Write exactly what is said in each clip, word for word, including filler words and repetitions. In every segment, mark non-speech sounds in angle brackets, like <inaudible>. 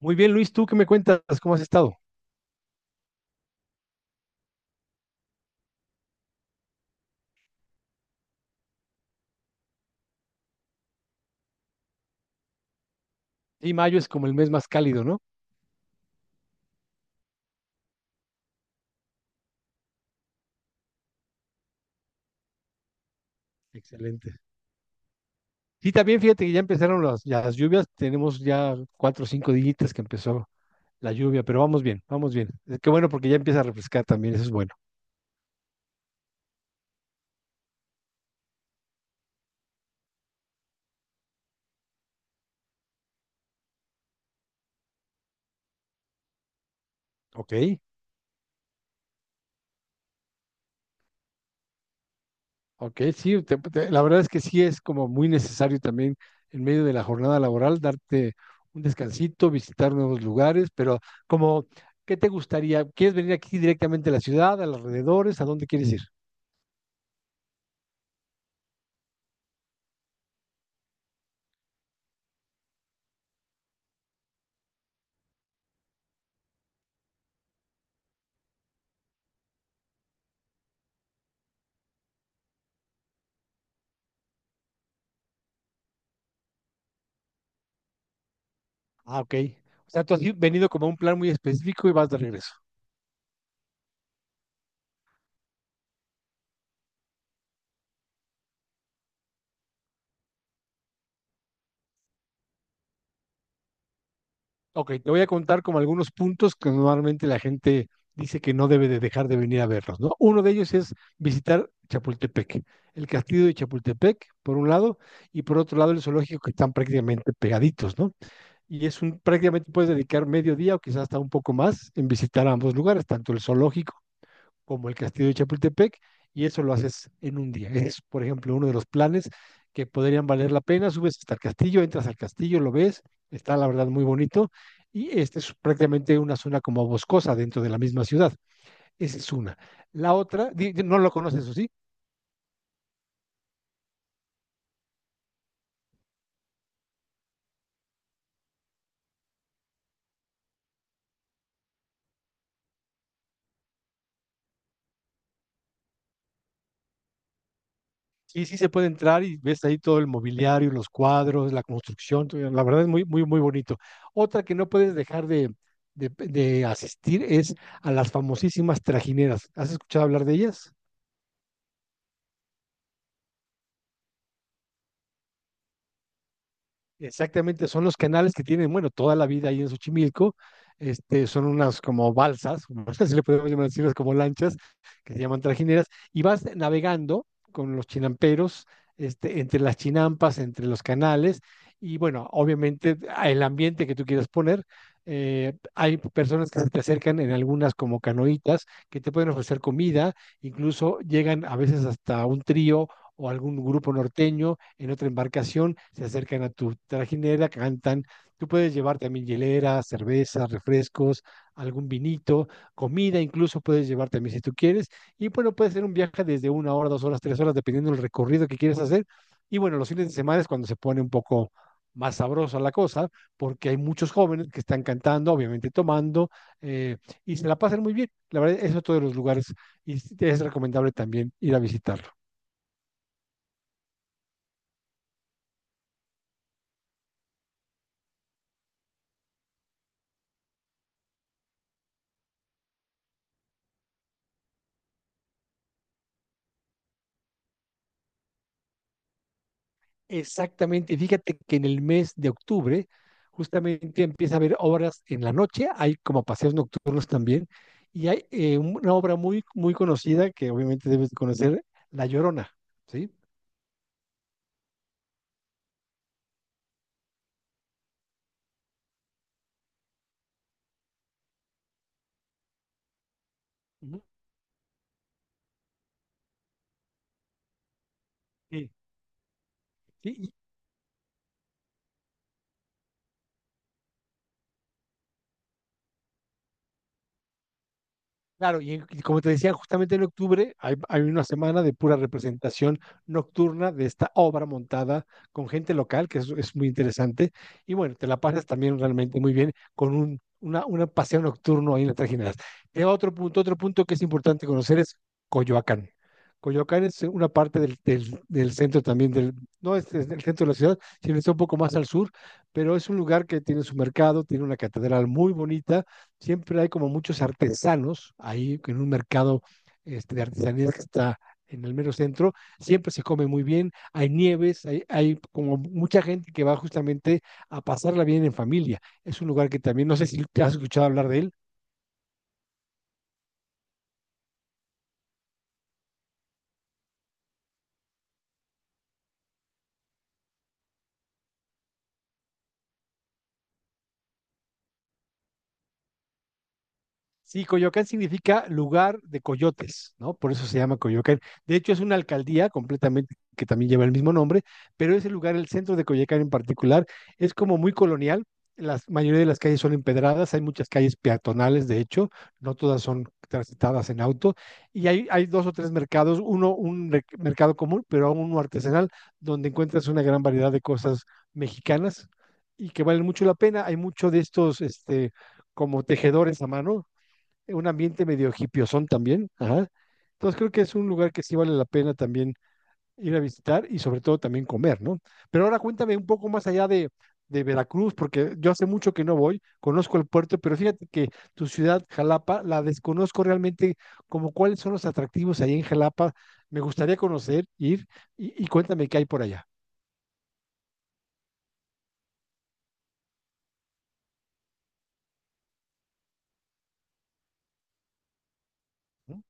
Muy bien, Luis, ¿tú qué me cuentas? ¿Cómo has estado? Sí, mayo es como el mes más cálido, ¿no? Excelente. Sí, también fíjate que ya empezaron las, las lluvias. Tenemos ya cuatro o cinco dígitas que empezó la lluvia, pero vamos bien, vamos bien. Eh, Qué bueno porque ya empieza a refrescar también, eso es bueno. Ok, ok, sí, te- te- la verdad es que sí es como muy necesario también en medio de la jornada laboral darte un descansito, visitar nuevos lugares, pero como, ¿qué te gustaría? ¿Quieres venir aquí directamente a la ciudad, a los alrededores? ¿A dónde quieres ir? Ah, ok. O sea, tú has ido- venido como a un plan muy específico y vas de regreso. Ok, te voy a contar como algunos puntos que normalmente la gente dice que no debe de dejar de venir a verlos, ¿no? Uno de ellos es visitar Chapultepec, el castillo de Chapultepec, por un lado, y por otro lado el zoológico que están prácticamente pegaditos, ¿no? Y es un, prácticamente puedes dedicar medio día o quizás hasta un poco más en visitar ambos lugares, tanto el zoológico como el Castillo de Chapultepec, y eso lo haces en un día. Es, por ejemplo, uno de los planes que podrían valer la pena. Subes hasta el castillo, entras al castillo, lo ves, está la verdad muy bonito, y este es prácticamente una zona como boscosa dentro de la misma ciudad. Esa es una. La otra, di- di- no lo conoces, eso sí. Sí, sí se puede entrar y ves ahí todo el mobiliario, los cuadros, la construcción, todo. La verdad es muy, muy, muy bonito. Otra que no puedes dejar de, de de asistir es a las famosísimas trajineras. ¿Has escuchado hablar de ellas? Exactamente, son los canales que tienen, bueno, toda la vida ahí en Xochimilco, este, son unas como balsas, <laughs> si le podemos llamar así, unas como lanchas, que se llaman trajineras, y vas navegando con los chinamperos, este, entre las chinampas, entre los canales, y bueno, obviamente a el ambiente que tú quieras poner, eh, hay personas que se te acercan en algunas como canoitas, que te pueden ofrecer comida, incluso llegan a veces hasta un trío o algún grupo norteño en otra embarcación, se acercan a tu trajinera, cantan. Tú puedes llevar también hielera, cervezas, refrescos, algún vinito, comida, incluso puedes llevar también si tú quieres. Y bueno, puede ser un viaje desde una hora, dos horas, tres horas, dependiendo del recorrido que quieres hacer. Y bueno, los fines de semana es cuando se pone un poco más sabrosa la cosa, porque hay muchos jóvenes que están cantando, obviamente tomando, eh, y se la pasan muy bien. La verdad, es otro los lugares y es recomendable también ir a visitarlo. Exactamente, fíjate que en el mes de octubre justamente empieza a haber obras en la noche, hay como paseos nocturnos también, y hay eh, un- una obra muy, muy conocida que obviamente debes de conocer, La Llorona, ¿sí? Ujú. Sí, sí. Claro, y, y como te decía, justamente en octubre hay, hay una semana de pura representación nocturna de esta obra montada con gente local, que es, es muy interesante. Y bueno, te la pasas también realmente muy bien con un una, una paseo nocturno ahí en las tres Generales. Y otro punto, otro punto que es importante conocer es Coyoacán. Coyoacán es una parte del, del- del centro también, del, no es, es del centro de la ciudad, sino está un poco más al sur, pero es un lugar que tiene su mercado, tiene una catedral muy bonita, siempre hay como muchos artesanos ahí en un mercado este, de artesanías que está en el mero centro, siempre se come muy bien, hay nieves, hay, hay, como mucha gente que va justamente a pasarla bien en familia. Es un lugar que también, no sé si te has escuchado hablar de él. Sí, Coyoacán significa lugar de coyotes, ¿no? Por eso se llama Coyoacán. De hecho, es una alcaldía completamente que también lleva el mismo nombre, pero ese lugar, el centro de Coyoacán en particular, es como muy colonial. La mayoría de las calles son empedradas, hay muchas calles peatonales, de hecho, no todas son transitadas en auto, y hay, hay dos o tres mercados, uno un re- mercado común, pero uno artesanal, donde encuentras una gran variedad de cosas mexicanas y que valen mucho la pena. Hay mucho de estos, este, como tejedores a mano, un ambiente medio son también. Ajá. Entonces creo que es un lugar que sí vale la pena también ir a visitar y sobre todo también comer, ¿no? Pero ahora cuéntame un poco más allá de, de Veracruz, porque yo hace mucho que no voy, conozco el puerto, pero fíjate que tu ciudad, Jalapa, la desconozco realmente como cuáles son los atractivos ahí en Jalapa. Me gustaría conocer, ir y, y cuéntame qué hay por allá. ¿No?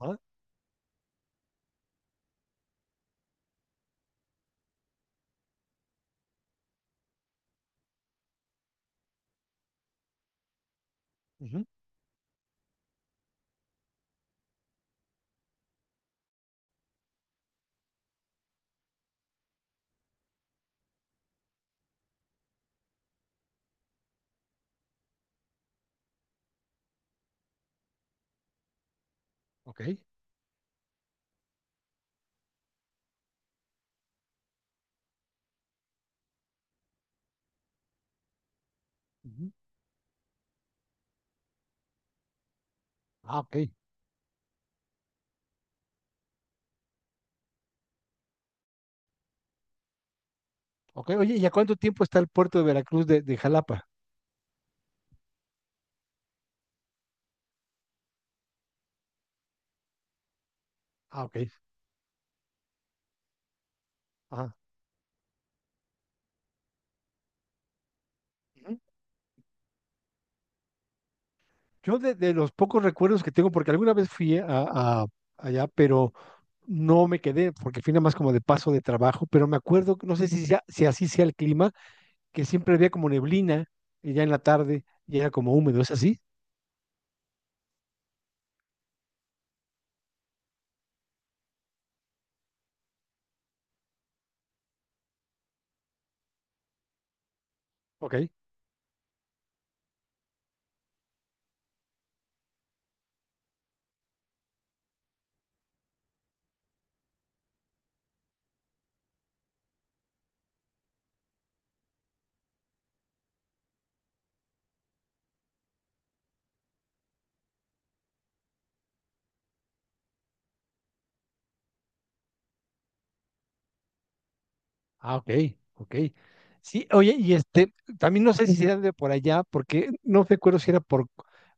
Ah, ujú, ok, ujú. Ah, ok, ok. Oye, ¿y a cuánto tiempo está el puerto de Veracruz de, de Jalapa? Ah, ok. Ajá. Yo de, de los pocos recuerdos que tengo, porque alguna vez fui a, a- allá, pero no me quedé, porque fui nada más como de paso de trabajo, pero me acuerdo, no sé si, sea- si así sea el clima, que siempre había como neblina y ya en la tarde y era como húmedo, ¿es así? Ok. Ah, ok, ok. Sí, oye, y este, también no sé si era de por allá, porque no recuerdo si era por,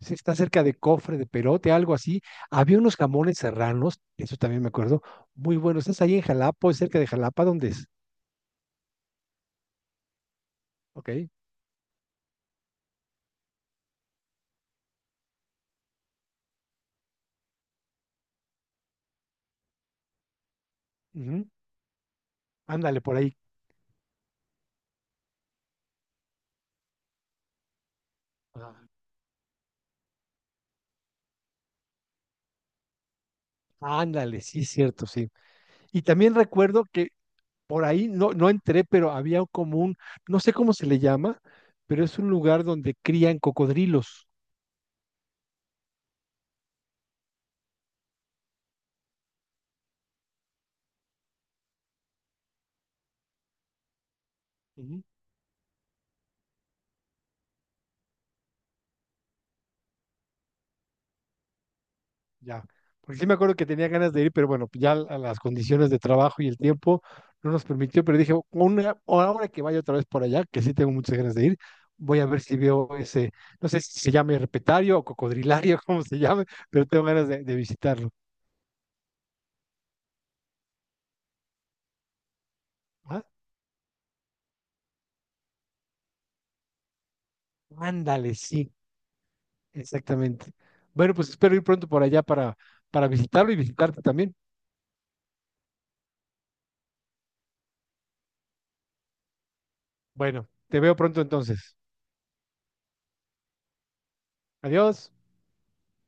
si está cerca de Cofre, de Perote, algo así. Había unos jamones serranos, eso también me acuerdo, muy buenos. ¿Estás ahí en Jalapa o es cerca de Jalapa? ¿Dónde es? Ok. Ujú. Ándale, por ahí. Ah, ándale, sí, cierto, sí. Y también recuerdo que por ahí no, no entré, pero había como un, no sé cómo se le llama, pero es un lugar donde crían cocodrilos. Ujú. Ya. Porque sí me acuerdo que tenía ganas de ir, pero bueno, ya a las condiciones de trabajo y el tiempo no nos permitió, pero dije, una, ahora que vaya otra vez por allá, que sí tengo muchas ganas de ir, voy a ver si veo ese, no sé si se llama herpetario o cocodrilario, <laughs> como se llame, pero tengo ganas de, de visitarlo. Ándale, sí, exactamente. Bueno, pues espero ir pronto por allá para, para visitarlo y visitarte también. Bueno, te veo pronto entonces. Adiós.